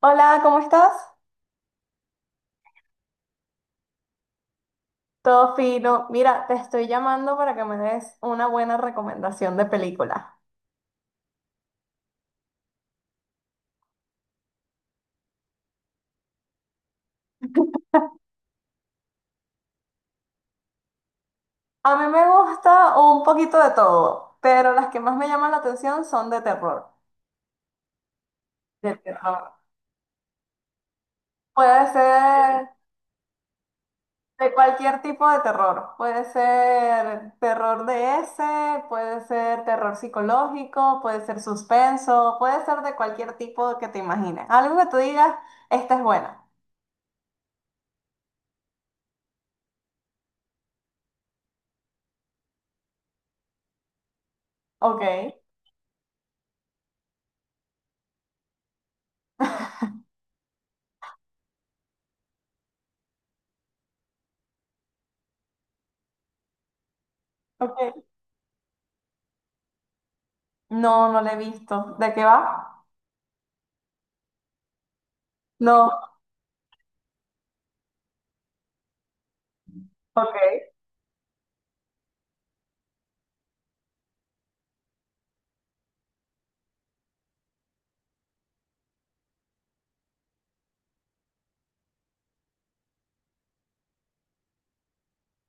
Hola, ¿cómo estás? Todo fino. Mira, te estoy llamando para que me des una buena recomendación de película. A mí me gusta un poquito de todo, pero las que más me llaman la atención son de terror. De terror. Puede ser de cualquier tipo de terror. Puede ser terror de ese, puede ser terror psicológico, puede ser suspenso, puede ser de cualquier tipo que te imagines. Algo que tú digas, esta es buena. Ok, ok. No, no la he visto. ¿De qué va? No, ok.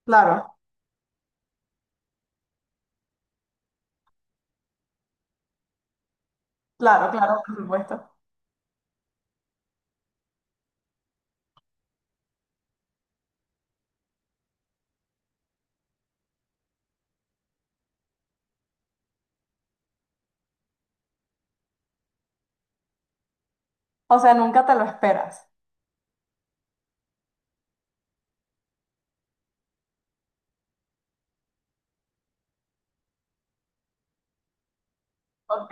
Claro, claro, claro, por supuesto. O sea, nunca te lo esperas. Ok.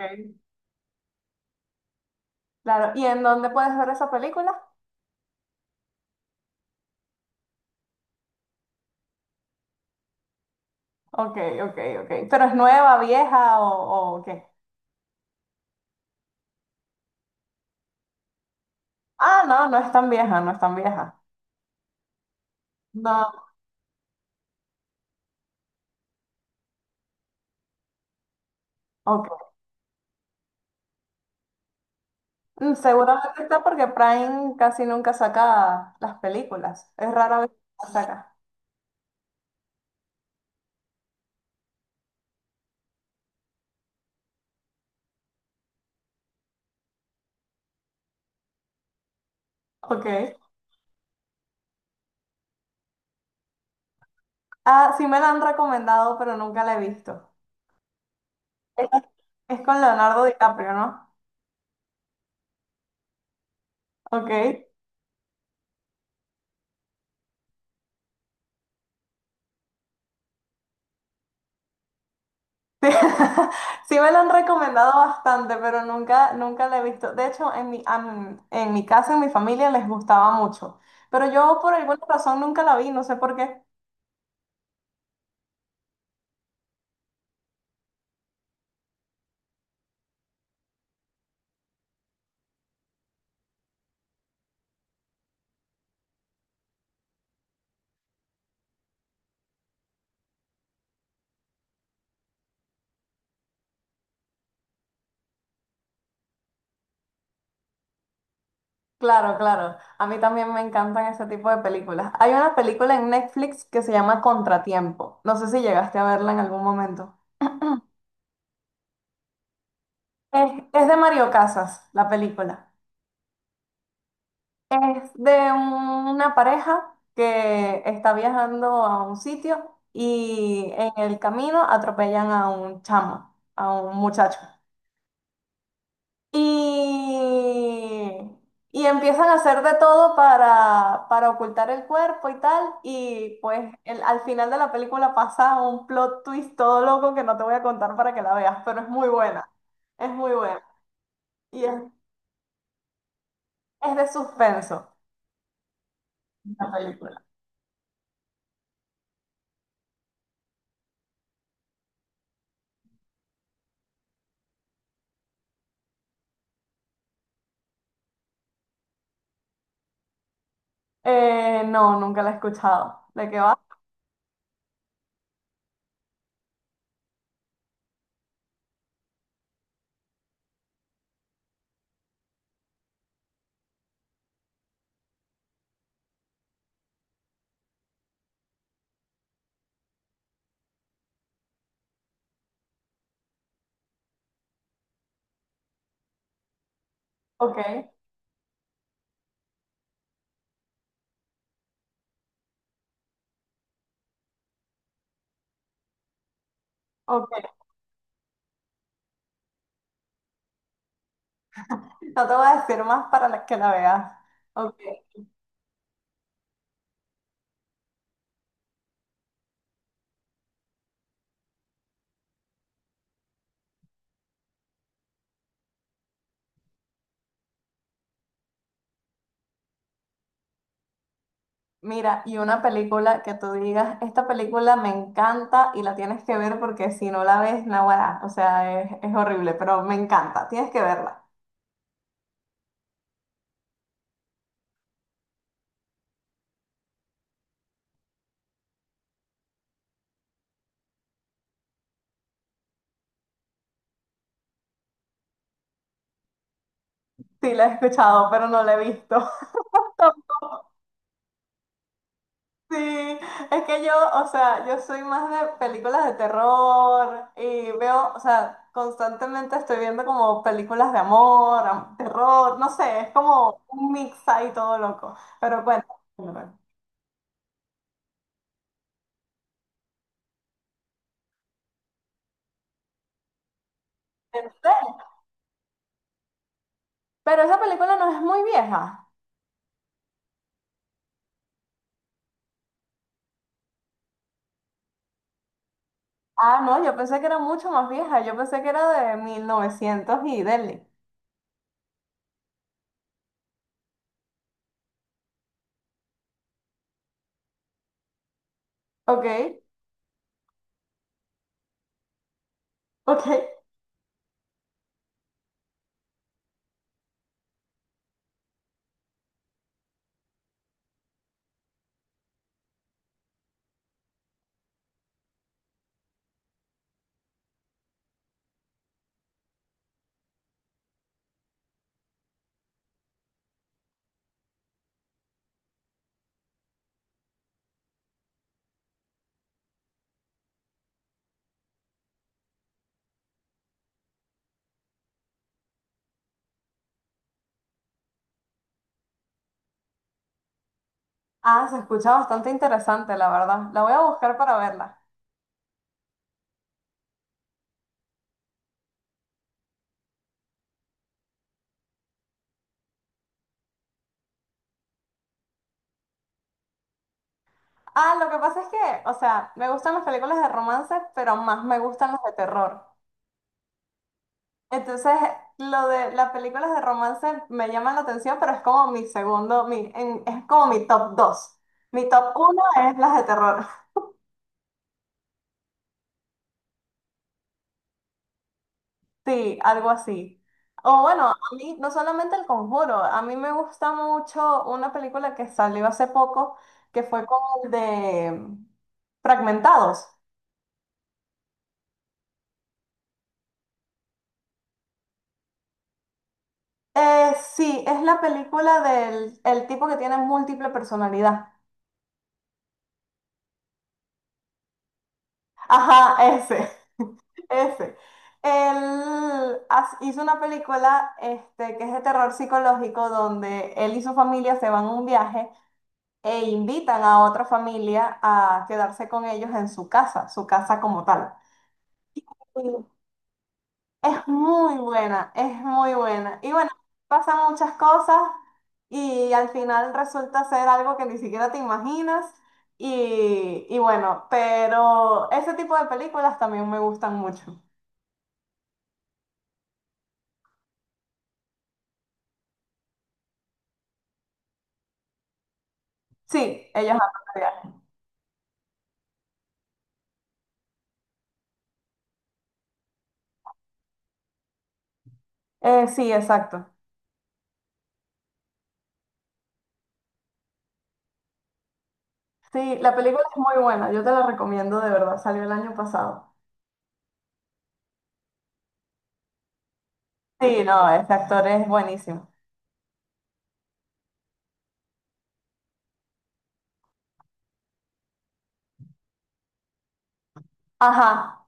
Claro. ¿Y en dónde puedes ver esa película? Ok, ok, ok. ¿Pero es nueva, vieja o qué? Ah, no, no es tan vieja, no es tan vieja. No, ok. Mm, seguramente está porque Prime casi nunca saca las películas. Es rara vez que las saca. Ok. Ah, sí me la han recomendado, pero nunca la he visto. Es, es con Leonardo DiCaprio, ¿no? Ok. Sí, sí me lo han recomendado bastante, pero nunca, nunca la he visto. De hecho, en mi casa, en mi familia, les gustaba mucho. Pero yo por alguna razón nunca la vi, no sé por qué. Claro, claro. A mí también me encantan ese tipo de películas. Hay una película en Netflix que se llama Contratiempo. No sé si llegaste a verla en algún momento. Es de Mario Casas, la película. Es de una pareja que está viajando a un sitio y en el camino atropellan a un chamo, a un muchacho. Y, y empiezan a hacer de todo para ocultar el cuerpo y tal. Y pues al final de la película pasa un plot twist todo loco que no te voy a contar para que la veas, pero es muy buena. Es muy buena. Y es de suspenso la película. No, nunca la he escuchado. ¿De qué va? Ok, ok. No te voy a decir más que la veas. Ok. Mira, y una película que tú digas, esta película me encanta y la tienes que ver porque si no la ves, naguará. O sea, es horrible, pero me encanta. Tienes que verla. Sí, la he escuchado, pero no la he visto. Sí, es que yo, o sea, yo soy más de películas de terror y veo, o sea, constantemente estoy viendo como películas de amor, terror, no sé, es como un mix ahí todo loco. Pero cuéntame. ¿En serio? Pero esa película no es muy vieja. Ah, no, yo pensé que era mucho más vieja, yo pensé que era de 1900 y deli. Ok, ok. Ah, se escucha bastante interesante, la verdad. La voy a buscar para verla. Ah, lo que pasa es que, o sea, me gustan las películas de romance, pero más me gustan las de terror. Entonces, lo de las películas de romance me llama la atención, pero es como mi segundo, es como mi top 2. Mi top uno es las de terror. Sí, algo así. O bueno, a mí no solamente El Conjuro, a mí me gusta mucho una película que salió hace poco, que fue con el de Fragmentados. Sí, es la película del el tipo que tiene múltiple personalidad. Ajá, ese, ese. Él hizo una película este, que es de terror psicológico donde él y su familia se van a un viaje e invitan a otra familia a quedarse con ellos en su casa como tal. Es muy buena, es muy buena. Y bueno, pasan muchas cosas y al final resulta ser algo que ni siquiera te imaginas. Y bueno, pero ese tipo de películas también me gustan mucho. Sí, ellos hablan de viajes. Sí, exacto. Sí, la película es muy buena, yo te la recomiendo de verdad, salió el año pasado. Sí, no, este actor es buenísimo. Ajá,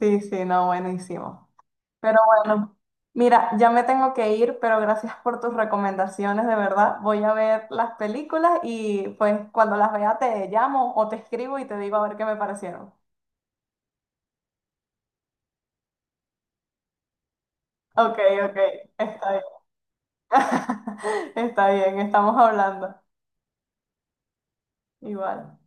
sí, sí, no, buenísimo. Pero bueno, mira, ya me tengo que ir, pero gracias por tus recomendaciones, de verdad. Voy a ver las películas y pues cuando las vea te llamo o te escribo y te digo a ver qué me parecieron. Ok, ok, está bien. Está bien, estamos hablando. Igual.